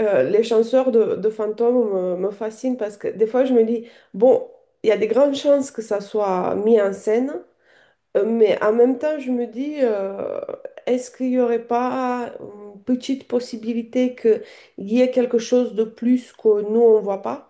Les chanteurs de fantômes me fascinent parce que des fois je me dis, bon, il y a des grandes chances que ça soit mis en scène, mais en même temps je me dis, est-ce qu'il n'y aurait pas une petite possibilité qu'il y ait quelque chose de plus que nous on ne voit pas?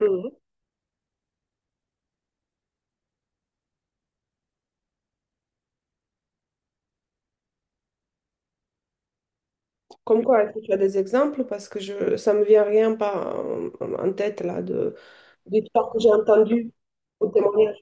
Mhm. Comme quoi, est-ce que tu as des exemples? Parce que je, ça me vient rien pas en tête là de d'histoires que j'ai entendues au témoignage.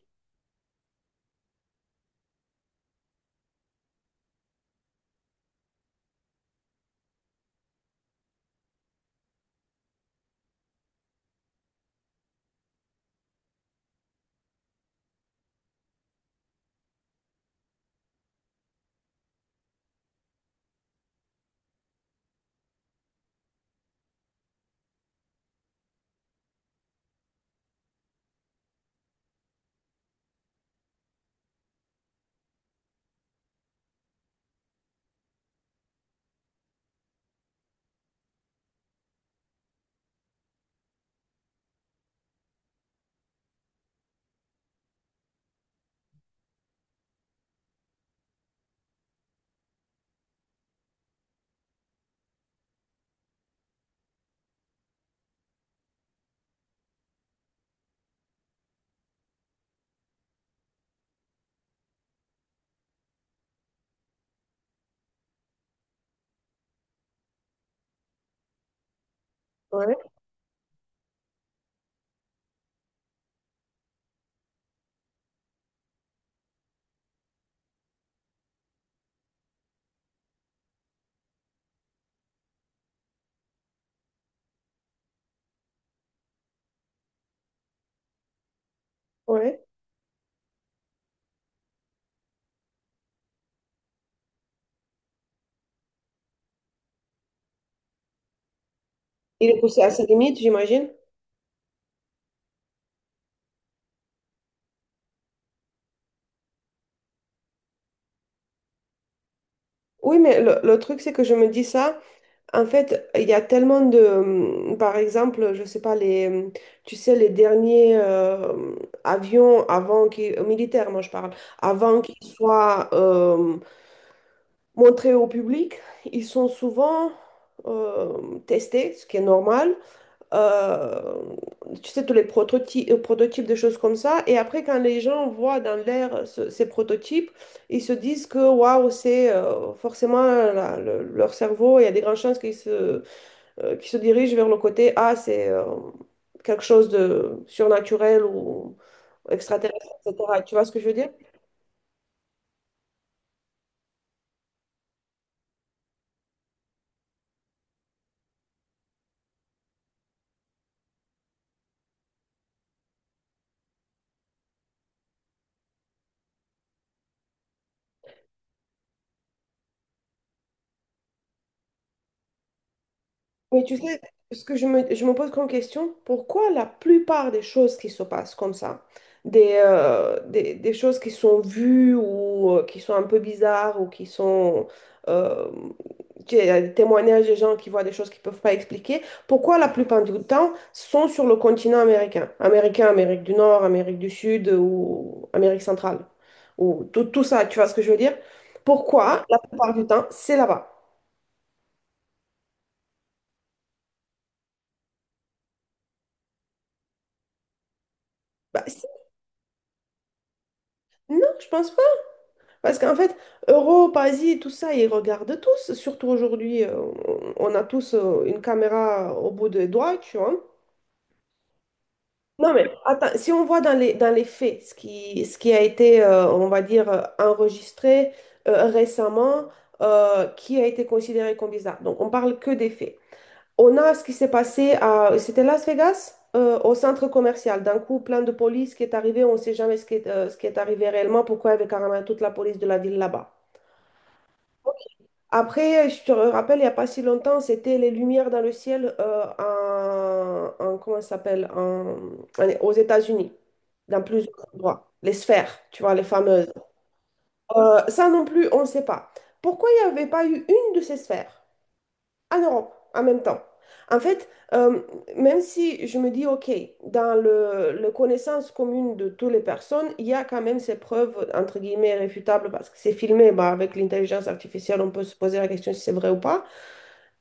Ouais, ouais. Il est poussé à ses limites, j'imagine. Oui, mais le truc, c'est que je me dis ça. En fait, il y a tellement de, par exemple, je sais pas, les, tu sais, les derniers avions avant qu'ils militaires, moi je parle, avant qu'ils soient montrés au public, ils sont souvent testés, ce qui est normal, euh, tu sais, tous les prototypes, des choses comme ça. Et après, quand les gens voient dans l'air ces prototypes, ils se disent que waouh, c'est forcément leur cerveau, il y a des grandes chances qu'ils se dirigent vers le côté ah, c'est quelque chose de surnaturel ou extraterrestre, etc. Tu vois ce que je veux dire? Mais tu sais, ce que je me pose comme question, pourquoi la plupart des choses qui se passent comme ça, des choses qui sont vues ou qui sont un peu bizarres ou qui sont… euh, tu sais, il y a des témoignages des gens qui voient des choses qu'ils ne peuvent pas expliquer, pourquoi la plupart du temps sont sur le continent américain? Américain, Amérique du Nord, Amérique du Sud ou Amérique centrale. Ou tout, tout ça, tu vois ce que je veux dire? Pourquoi la plupart du temps c'est là-bas? Bah, c'est- non, je pense pas. Parce qu'en fait, Europe, Asie, tout ça, ils regardent tous, surtout aujourd'hui, on a tous une caméra au bout des doigts, tu vois. Non, mais attends, si on voit dans les faits ce qui a été, on va dire, enregistré récemment, qui a été considéré comme bizarre. Donc, on parle que des faits. On a ce qui s'est passé à, c'était Las Vegas, au centre commercial. D'un coup, plein de police qui est arrivé, on ne sait jamais ce qui est, ce qui est arrivé réellement, pourquoi il y avait carrément toute la police de la ville là-bas. Après, je te rappelle, il n'y a pas si longtemps, c'était les lumières dans le ciel comment ça s'appelle, aux États-Unis, dans plusieurs endroits. Les sphères, tu vois, les fameuses. Ça non plus, on ne sait pas. Pourquoi il n'y avait pas eu une de ces sphères en Europe en même temps? En fait, euh, même si je me dis, OK, le connaissance commune de toutes les personnes, il y a quand même ces preuves, entre guillemets, réfutables, parce que c'est filmé, bah, avec l'intelligence artificielle, on peut se poser la question si c'est vrai ou pas.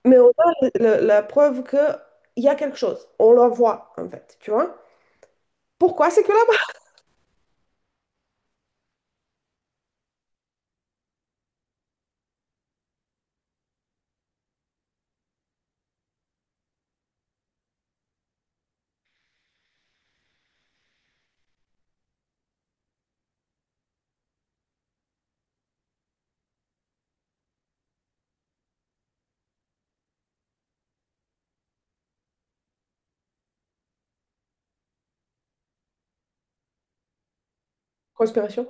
Mais on a la preuve qu'il y a quelque chose. On le voit, en fait, tu vois? Pourquoi c'est que là-bas? Conspiration.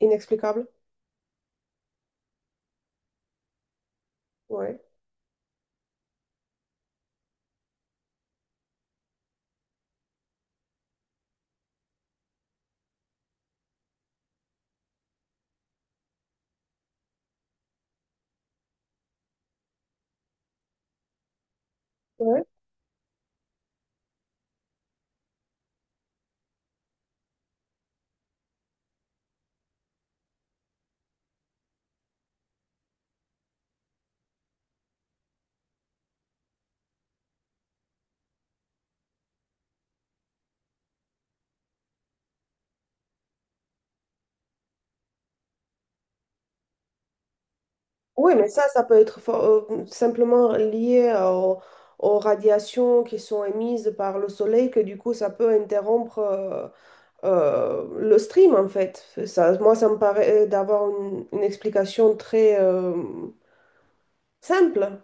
Inexplicable. Ouais. Ouais. Oui, mais ça peut être simplement lié au- aux radiations qui sont émises par le soleil, que du coup, ça peut interrompre le stream, en fait. Ça, moi, ça me paraît d'avoir une explication très simple.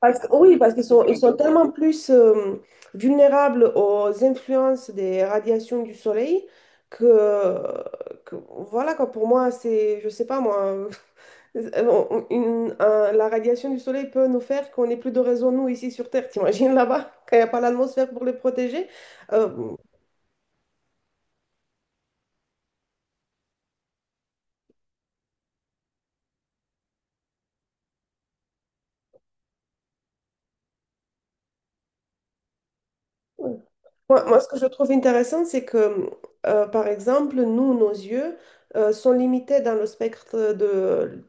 Parce que, oui, parce qu'ils sont, ils sont tellement plus vulnérables aux influences des radiations du soleil que, que voilà, quoi, pour moi, c'est, je sais pas moi, la radiation du soleil peut nous faire qu'on n'ait plus de raison, nous, ici sur Terre. T'imagines là-bas, quand il n'y a pas l'atmosphère pour les protéger? Euh, Moi, moi, ce que je trouve intéressant, c'est que, par exemple, nous, nos yeux, sont limités dans le spectre de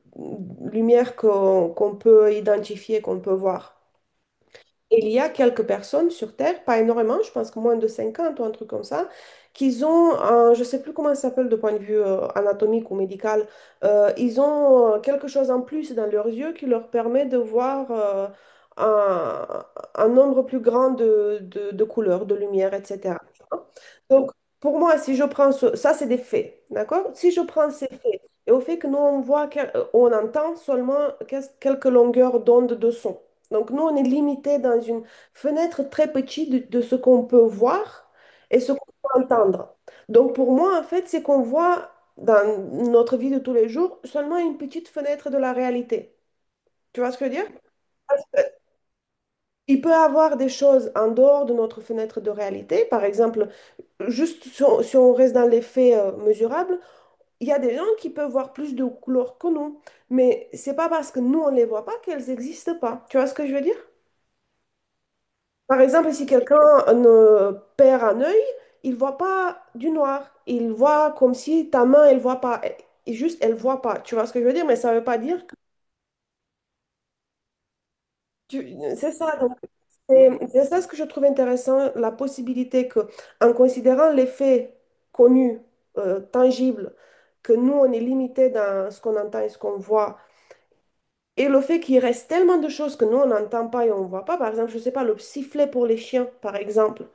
lumière qu'on peut identifier, qu'on peut voir. Il y a quelques personnes sur Terre, pas énormément, je pense que moins de 50 ou un truc comme ça, qui ont, un- je ne sais plus comment ça s'appelle de point de vue anatomique ou médical, ils ont quelque chose en plus dans leurs yeux qui leur permet de voir un, un nombre plus grand de couleurs, de lumière, etc. Donc, pour moi, si je prends ça, c'est des faits, d'accord? Si je prends ces faits et au fait que nous, on voit, on entend seulement quelques longueurs d'onde de son. Donc nous, on est limité dans une fenêtre très petite de ce qu'on peut voir et ce qu'on peut entendre. Donc pour moi, en fait, c'est qu'on voit dans notre vie de tous les jours seulement une petite fenêtre de la réalité. Tu vois ce que je veux dire? Euh, Il peut y avoir des choses en dehors de notre fenêtre de réalité. Par exemple, juste si on reste dans les faits mesurables, il y a des gens qui peuvent voir plus de couleurs que nous. Mais c'est pas parce que nous, on ne les voit pas qu'elles n'existent pas. Tu vois ce que je veux dire? Par exemple, si quelqu'un euh, perd un œil, il voit pas du noir. Il voit comme si ta main, elle voit pas. Et juste, elle voit pas. Tu vois ce que je veux dire? Mais ça veut pas dire que c'est ça. Donc, c'est ça ce que je trouve intéressant, la possibilité que, en considérant les faits connus, tangibles, que nous, on est limité dans ce qu'on entend et ce qu'on voit. Et le fait qu'il reste tellement de choses que nous, on n'entend pas et on ne voit pas, par exemple, je ne sais pas, le sifflet pour les chiens, par exemple.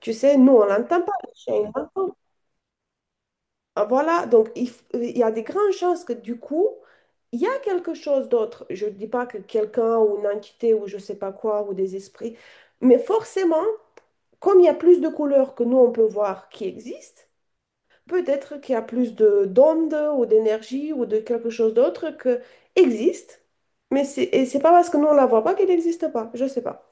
Tu sais, nous, on l'entend pas, les chiens, ils l'entendent. Ah, voilà, donc il y a des grandes chances que du coup, il y a quelque chose d'autre. Je ne dis pas que quelqu'un ou une entité ou je ne sais pas quoi ou des esprits, mais forcément, comme il y a plus de couleurs que nous, on peut voir qui existent, peut-être qu'il y a plus de d'ondes ou d'énergie ou de quelque chose d'autre que existe, mais c'est et c'est pas parce que nous on la voit pas qu'elle n'existe pas. Je sais pas.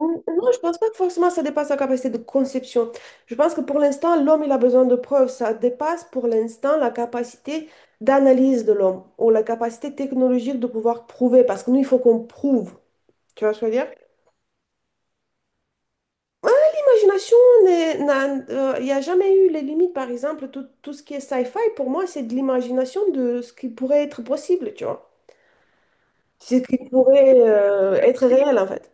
Non, je pense pas que forcément ça dépasse la capacité de conception. Je pense que pour l'instant, l'homme, il a besoin de preuves. Ça dépasse pour l'instant la capacité d'analyse de l'homme ou la capacité technologique de pouvoir prouver. Parce que nous, il faut qu'on prouve. Tu vois ce que je veux dire? Ah, l'imagination il n'y a jamais eu les limites, par exemple, tout, tout ce qui est sci-fi, pour moi, c'est de l'imagination de ce qui pourrait être possible, tu vois. C'est Ce qui pourrait être réel, en fait.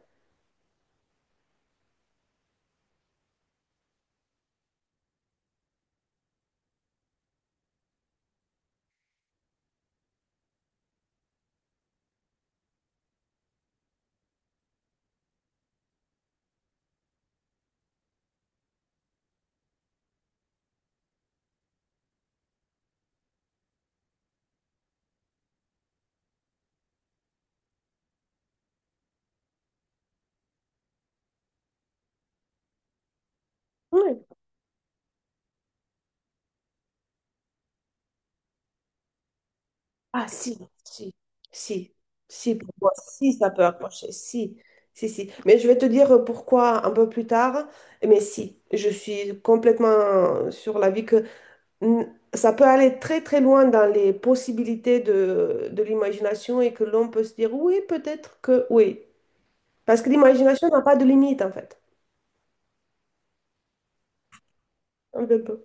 Ouais. Ah, si, si, si, si, pour moi, si, ça peut approcher, si, si, si. Mais je vais te dire pourquoi un peu plus tard, mais si, je suis complètement sur l'avis que n- ça peut aller très très loin dans les possibilités de l'imagination et que l'on peut se dire oui, peut-être que oui. Parce que l'imagination n'a pas de limite en fait. Un peu.